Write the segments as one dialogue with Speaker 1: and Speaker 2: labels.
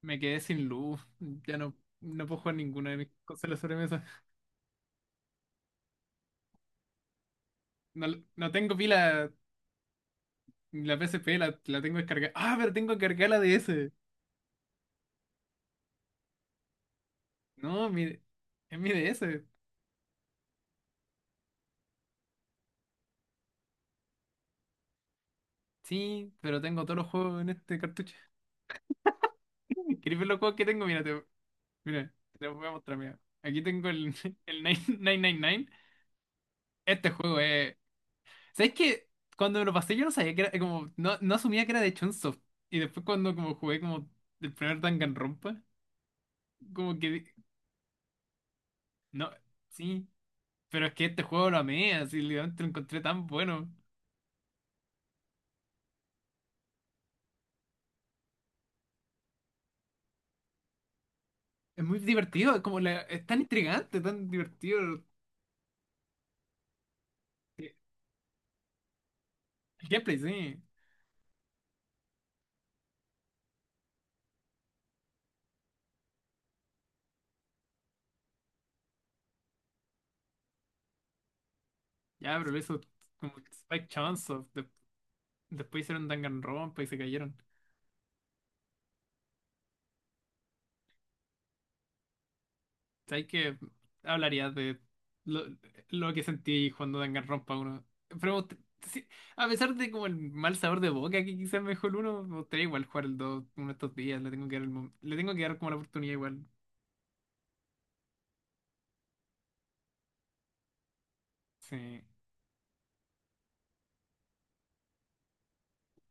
Speaker 1: Me quedé sin luz. Ya no, no puedo jugar ninguna de mis cosas en la sobremesa. No, no tengo pila. La PSP la tengo descargada. Ah, pero tengo cargada la DS. No, mi, es mi DS. Sí, pero tengo todos los juegos en este cartucho. ¿Quieres ver los juegos que tengo? Mira, te los voy a mostrar. Mira. Aquí tengo el, el 999. Este juego es. ¿Sabes qué? Cuando me lo pasé, yo no sabía que era. Como, no, no asumía que era de Chunsoft. Y después, cuando como jugué como el primer Danganronpa, como que no, sí, pero es que este juego lo amé, así literalmente lo encontré tan bueno. Es muy divertido, es como es tan intrigante, tan divertido. El gameplay, sí. Ya, pero eso, como Spike Chunsoft, después hicieron Danganronpa y se cayeron. ¿Sabes qué? Hablarías de lo, lo que sentí jugando Danganronpa 1. Pero me sí, a pesar de como el mal sabor de boca que quizás mejor el 1, me gustaría igual jugar el 2 uno de estos días. Le tengo que dar, el le tengo que dar como la oportunidad igual. Sí,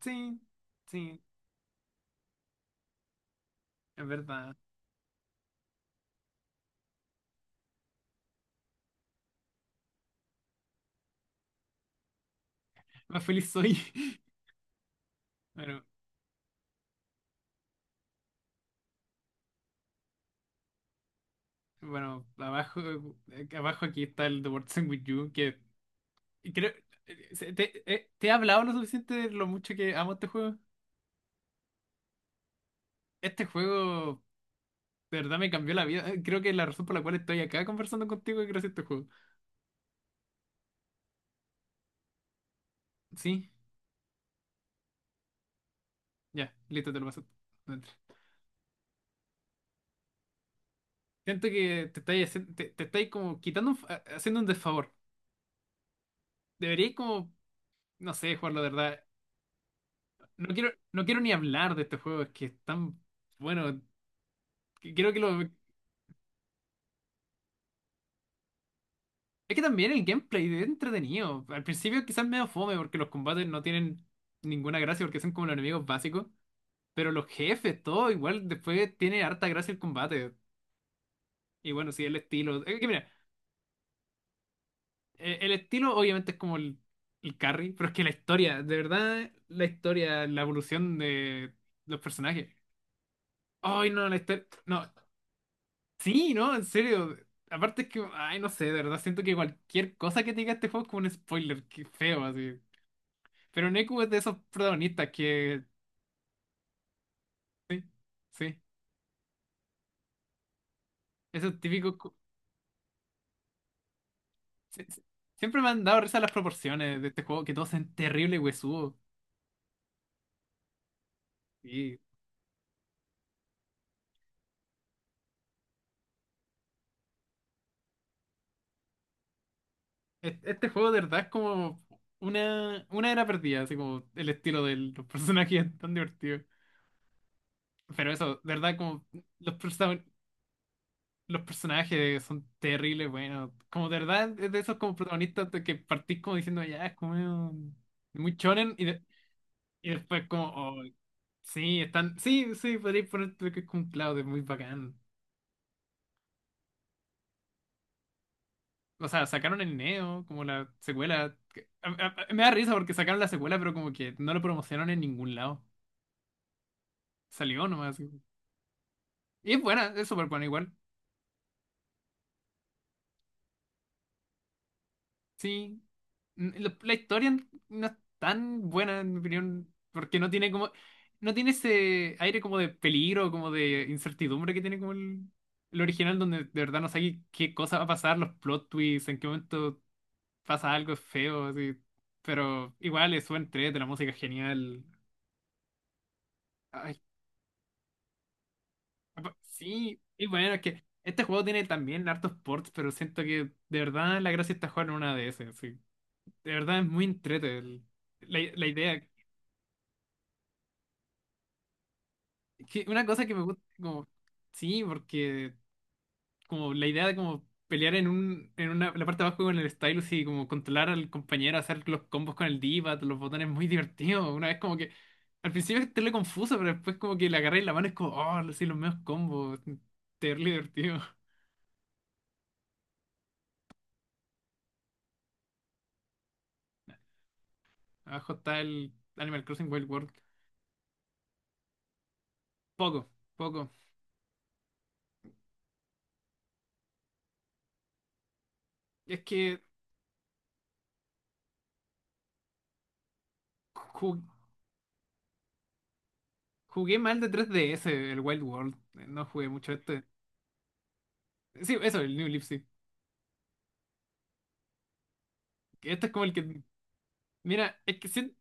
Speaker 1: sí. Sí, es verdad. Más feliz soy. Bueno, bueno, abajo, abajo aquí está el The World Ends With You, que creo... ¿Te, te he hablado lo suficiente de lo mucho que amo este juego? Este juego de verdad me cambió la vida. Creo que la razón por la cual estoy acá conversando contigo es gracias a este juego. Sí, ya, listo, te lo paso. Dentro. Siento que te estáis, te, te estáis como quitando, un haciendo un desfavor. Deberíais como, no sé, jugarlo de verdad. No quiero, no quiero ni hablar de este juego, es que es tan... Bueno, que creo que lo... Es que también el gameplay es entretenido. Al principio quizás medio fome porque los combates no tienen ninguna gracia porque son como los enemigos básicos. Pero los jefes, todo igual, después tiene harta gracia el combate. Y bueno, sí, el estilo. Es que mira, el estilo obviamente es como el carry, pero es que la historia, de verdad, la historia, la evolución de los personajes. Ay, no, la historia. No, sí, no, en serio. Aparte es que, ay, no sé, de verdad, siento que cualquier cosa que te diga este juego es como un spoiler, qué feo, así. Pero Neku es de esos protagonistas que. Sí, sí. Esos típicos. Sí, sí. Siempre me han dado risa las proporciones de este juego, que todos son terribles huesudos. Y este juego de verdad es como una era perdida, así como el estilo de los personajes es tan divertido. Pero eso, de verdad, como los, perso- los personajes son terribles, bueno. Como de verdad es de esos como protagonistas de que partís como diciendo, ya, es como medio muy chonen y, y después como, oh, sí, están, sí, sí, podríais poner lo que es con Cloud, es muy bacán. O sea, sacaron el Neo, como la secuela. Me da risa porque sacaron la secuela, pero como que no lo promocionaron en ningún lado. Salió nomás. Así. Y es buena, es súper buena igual. Sí. La, la historia no es tan buena, en mi opinión, porque no tiene como, no tiene ese aire como de peligro, como de incertidumbre que tiene como el original donde de verdad no sabes qué cosa va a pasar, los plot twists, en qué momento pasa algo feo, así. Pero igual es buen de la música es genial. Ay, sí, y bueno, es que este juego tiene también hartos ports, pero siento que de verdad la gracia está jugar en una de esas, sí. De verdad es muy entrete la, la idea. Que una cosa que me gusta, como, sí, porque como la idea de como pelear en un, en una, la parte de abajo con el Stylus y como controlar al compañero, hacer los combos con el D-pad, los botones muy divertidos. Una vez como que al principio es terrible confuso, pero después como que le agarré la mano y es como, oh, sí, los medios combos. Terrible divertido. Abajo está el Animal Crossing Wild World. Poco, poco. Es que ju- jugué mal de 3DS el Wild World. No jugué mucho este. Sí, eso, el New Leaf, sí. Este es como el que. Mira, es que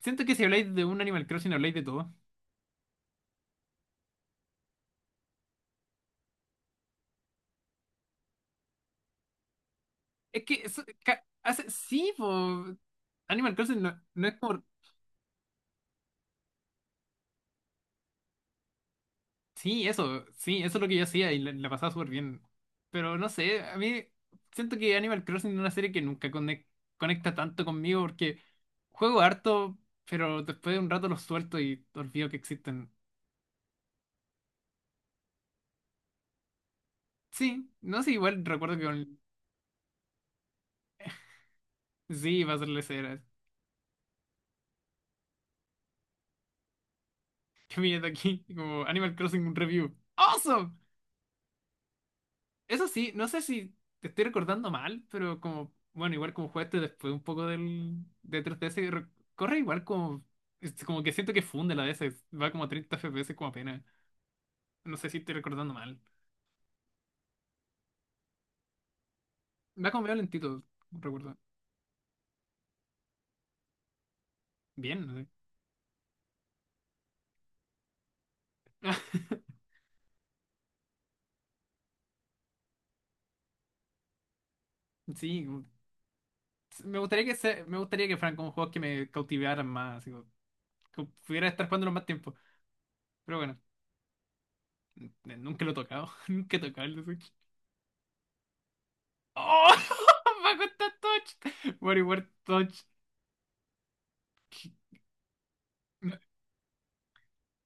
Speaker 1: siento que si habláis de un Animal Crossing habláis de todo. Es que eso, ca- hace, sí, po, Animal Crossing no, no es como... sí, eso es lo que yo hacía y la pasaba súper bien. Pero no sé, a mí siento que Animal Crossing es una serie que nunca conecta tanto conmigo porque juego harto, pero después de un rato los suelto y olvido que existen. Sí, no sé, igual recuerdo que con... Sí, va a ser la escena. ¿Qué mierda aquí? Como Animal Crossing un review. ¡Awesome! Eso sí, no sé si te estoy recordando mal, pero como, bueno, igual como jugaste después un poco del de 3DS, corre igual como, es como que siento que funde la DS, va como a 30 FPS como apenas. No sé si estoy recordando mal. Va como medio lentito, recuerdo. Bien, no sé. Sí, me gustaría que se, me gustaría que fueran como juegos que me cautivaran más, así como, que pudiera estar jugándolo más tiempo. Pero bueno, nunca lo he tocado, nunca he tocado el de Switch. ¡Oh! Me gusta Touch. Mario World Touch.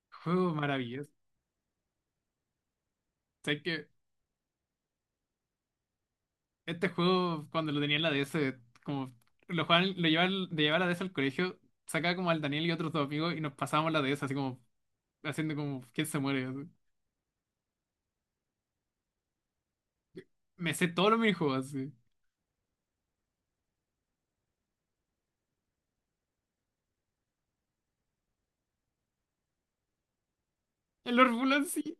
Speaker 1: Juego maravilloso. Sé que este juego, cuando lo tenía en la DS, como lo jugaban, lo llevaban, de llevar la DS al colegio, sacaba como al Daniel y otros dos amigos y nos pasábamos la DS así como haciendo como quién se muere. Así. Me sé todos los minijuegos así. El Orphulan sí.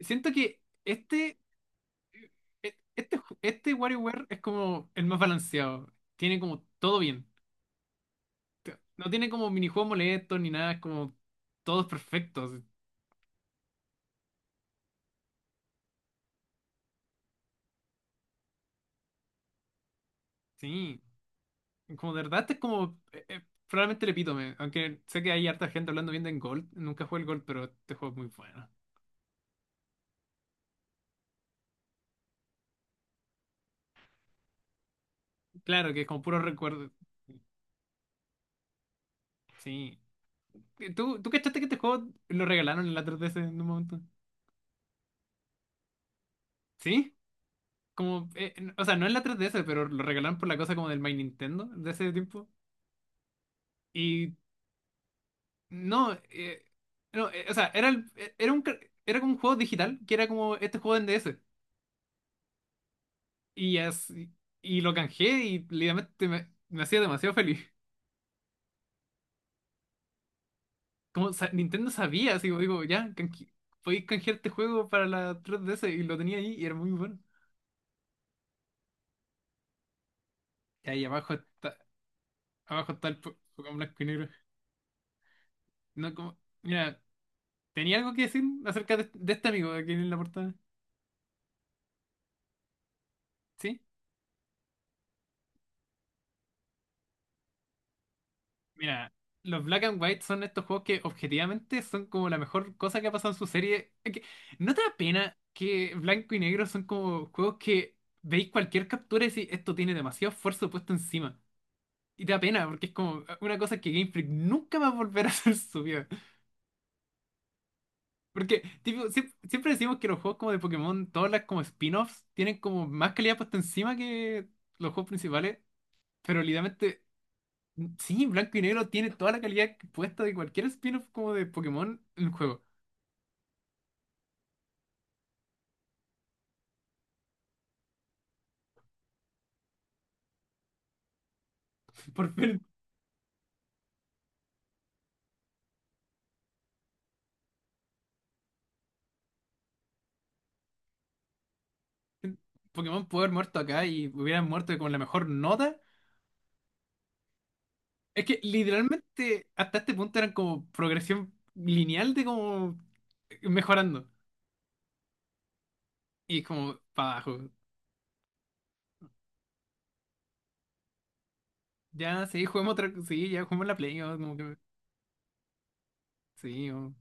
Speaker 1: Siento que este, este WarioWare es como el más balanceado. Tiene como todo bien. No tiene como minijuegos molestos ni nada, es como todos perfectos. Sí. Como de verdad, este es como probablemente el epítome. Aunque sé que hay harta gente hablando bien de Gold. Nunca jugué el Gold, pero este juego es muy bueno. Claro que es como puro recuerdo. Sí. Tú cachaste que este juego lo regalaron en la 3DS en un momento? ¿Sí? Como, o sea, no en la 3DS, pero lo regalaron por la cosa como del My Nintendo de ese tiempo. Y no, no, o sea, era un, era como un juego digital que era como este juego en DS. Y, y lo canjeé y literalmente me hacía demasiado feliz. Como Nintendo sabía, así como digo, ya, podéis canjear este juego para la 3DS y lo tenía ahí y era muy bueno. Y ahí abajo está el Pokémon blanco y negro. No, como, mira, ¿tenía algo que decir acerca de este amigo aquí en la portada? Sí, mira, los Black and White son estos juegos que objetivamente son como la mejor cosa que ha pasado en su serie. Es que, ¿no te da pena que blanco y negro son como juegos que veis cualquier captura y decís, esto tiene demasiado esfuerzo puesto encima? Y da pena, porque es como ah, una cosa que Game Freak nunca va a volver a hacer su vida. Porque, tipo, siempre, siempre decimos que los juegos como de Pokémon, todas las como spin-offs, tienen como más calidad puesta encima que los juegos principales. Pero literalmente, sí, Blanco y Negro tiene toda la calidad puesta de cualquier spin-off como de Pokémon en el juego. Por fin, Pokémon pudo haber muerto acá y hubieran muerto con la mejor nota. Es que literalmente hasta este punto eran como progresión lineal de como mejorando. Y como para abajo. Ya, sí, jugamos otra. Sí, ya jugamos la Play. Oh, como que. Sí, oh,